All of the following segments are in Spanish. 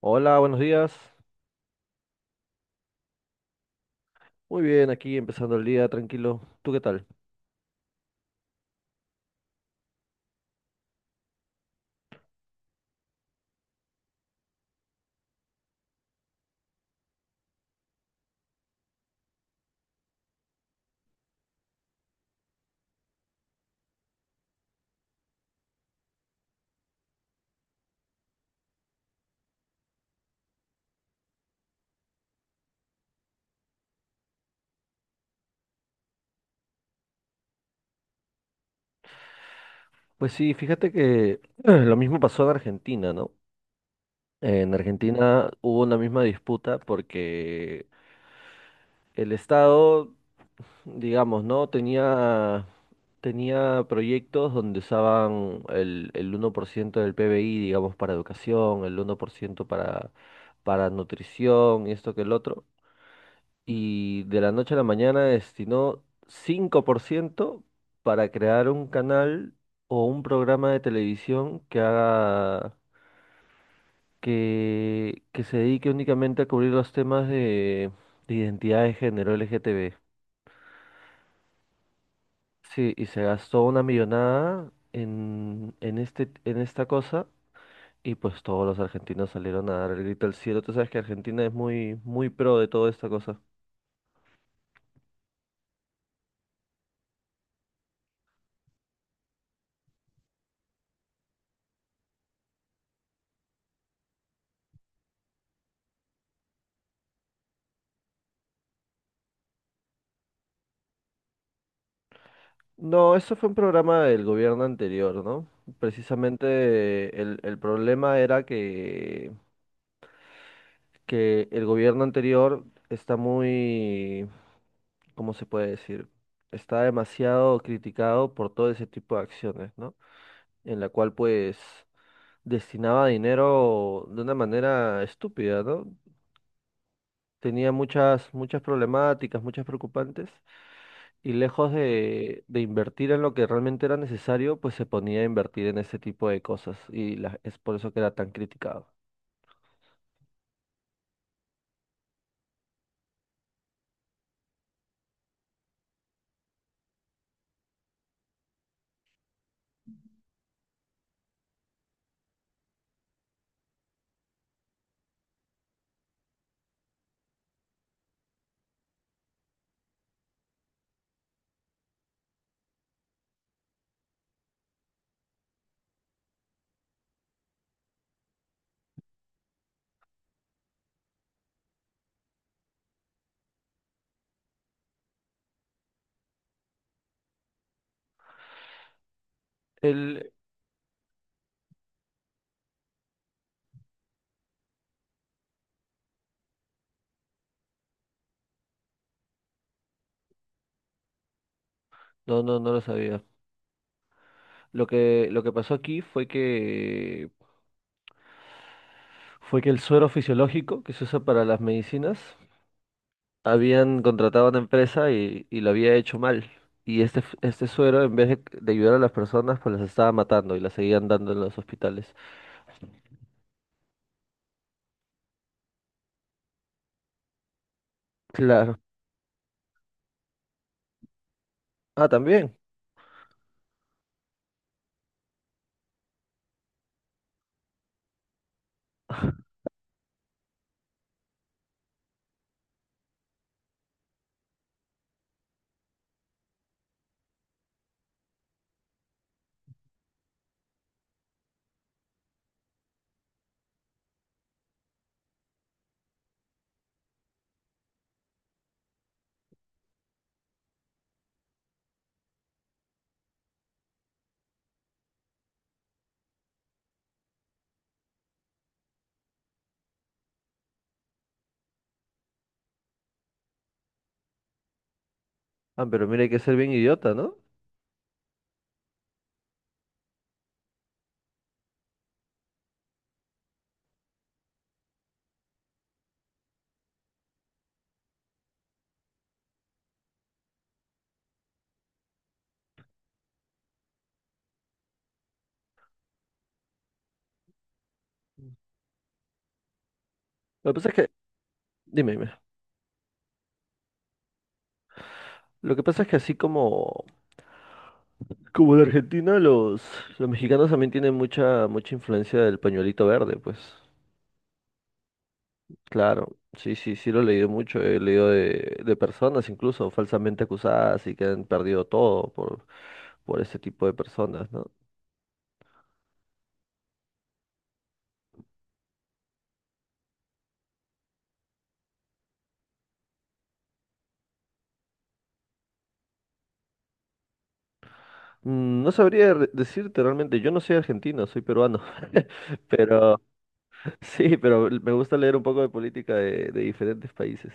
Hola, buenos días. Muy bien, aquí empezando el día tranquilo. ¿Tú qué tal? Pues sí, fíjate que lo mismo pasó en Argentina, ¿no? En Argentina hubo una misma disputa porque el Estado, digamos, ¿no? Tenía proyectos donde usaban el 1% del PBI, digamos, para educación, el 1% para nutrición y esto que el otro. Y de la noche a la mañana destinó 5% para crear un canal o un programa de televisión que haga que se dedique únicamente a cubrir los temas de identidad de género LGTB. Sí, y se gastó una millonada en esta cosa. Y pues todos los argentinos salieron a dar el grito al cielo. Tú sabes que Argentina es muy, muy pro de toda esta cosa. No, eso fue un programa del gobierno anterior, ¿no? Precisamente el problema era que el gobierno anterior está muy, ¿cómo se puede decir? Está demasiado criticado por todo ese tipo de acciones, ¿no? En la cual pues destinaba dinero de una manera estúpida, ¿no? Tenía muchas, muchas problemáticas, muchas preocupantes. Y lejos de invertir en lo que realmente era necesario, pues se ponía a invertir en ese tipo de cosas. Es por eso que era tan criticado. Él, no, no, no lo sabía. Lo que pasó aquí fue que el suero fisiológico que se usa para las medicinas, habían contratado a una empresa y lo había hecho mal. Y este suero, en vez de ayudar a las personas, pues las estaba matando y las seguían dando en los hospitales. Claro. Ah, también. Ah, pero mira, hay que ser bien idiota, ¿no? Lo que pasa es que, dime, dime. Lo que pasa es que así como en Argentina, los mexicanos también tienen mucha, mucha influencia del pañuelito verde, pues. Claro, sí, sí, sí lo he leído mucho, he leído de personas incluso falsamente acusadas y que han perdido todo por ese tipo de personas, ¿no? No sabría decirte realmente, yo no soy argentino, soy peruano, pero sí, pero me gusta leer un poco de política de diferentes países.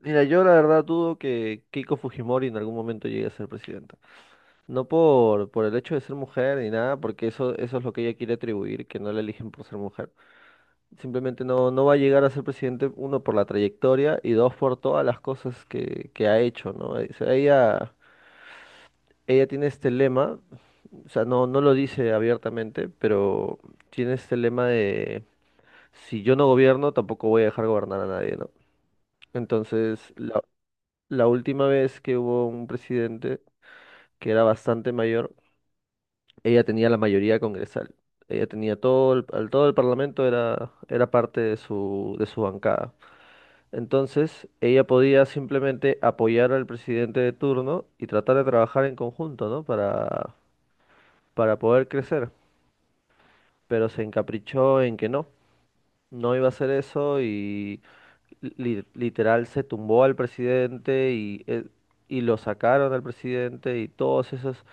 Mira, yo la verdad dudo que Keiko Fujimori en algún momento llegue a ser presidenta. No por el hecho de ser mujer ni nada, porque eso es lo que ella quiere atribuir, que no la eligen por ser mujer. Simplemente no va a llegar a ser presidente, uno, por la trayectoria y dos, por todas las cosas que ha hecho, ¿no? O sea, ella tiene este lema, o sea, no lo dice abiertamente, pero tiene este lema de si yo no gobierno, tampoco voy a dejar gobernar a nadie, ¿no? Entonces, la última vez que hubo un presidente que era bastante mayor, ella tenía la mayoría congresal. Ella tenía todo todo el parlamento era parte de su bancada. Entonces, ella podía simplemente apoyar al presidente de turno y tratar de trabajar en conjunto, ¿no? Para poder crecer. Pero se encaprichó en que no. No iba a hacer eso y literal se tumbó al presidente y lo sacaron al presidente y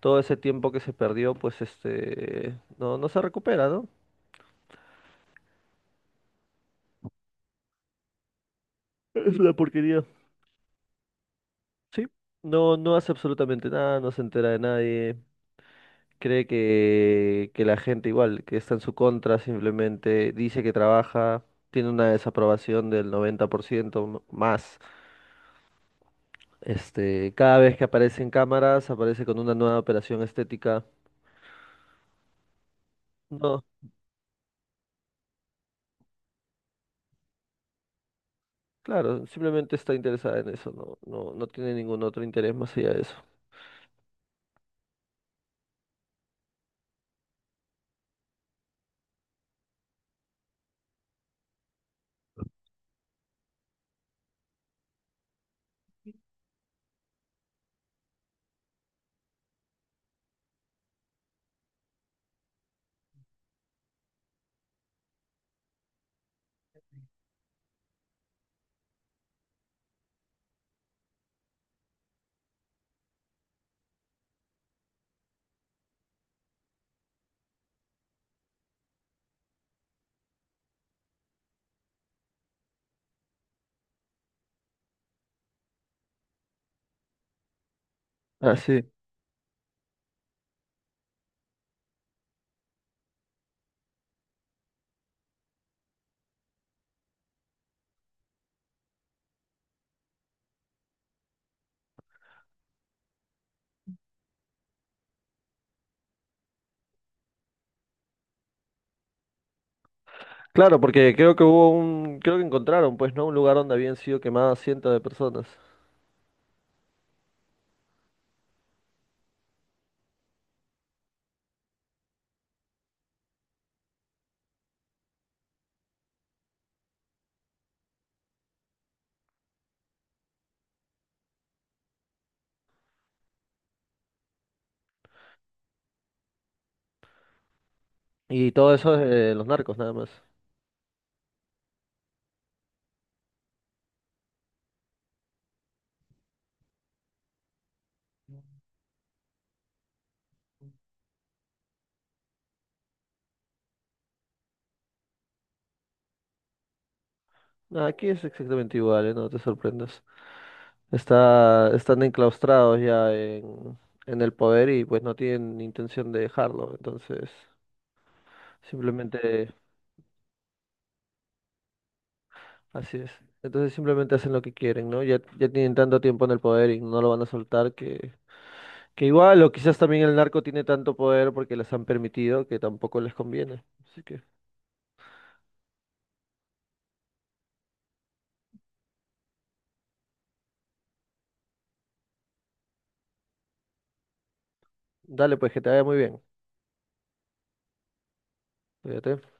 todo ese tiempo que se perdió, pues no se recupera, ¿no? Es una porquería. Sí, no hace absolutamente nada, no se entera de nadie. Cree que la gente igual, que está en su contra, simplemente dice que trabaja, tiene una desaprobación del 90% más. Cada vez que aparece en cámaras, aparece con una nueva operación estética. No, claro, simplemente está interesada en eso, no tiene ningún otro interés más allá de eso. Ah, sí. Claro, porque creo que encontraron, pues, ¿no? Un lugar donde habían sido quemadas cientos de personas. Y todo eso es de los narcos, nada más. Ah, aquí es exactamente igual, ¿eh? No te sorprendas. Están enclaustrados ya en el poder y pues no tienen intención de dejarlo. Entonces, simplemente Así es. Entonces simplemente hacen lo que quieren, ¿no? Ya tienen tanto tiempo en el poder y no lo van a soltar que igual, o quizás también el narco tiene tanto poder porque les han permitido que tampoco les conviene. Así que, dale, pues que te vaya muy bien. Cuídate.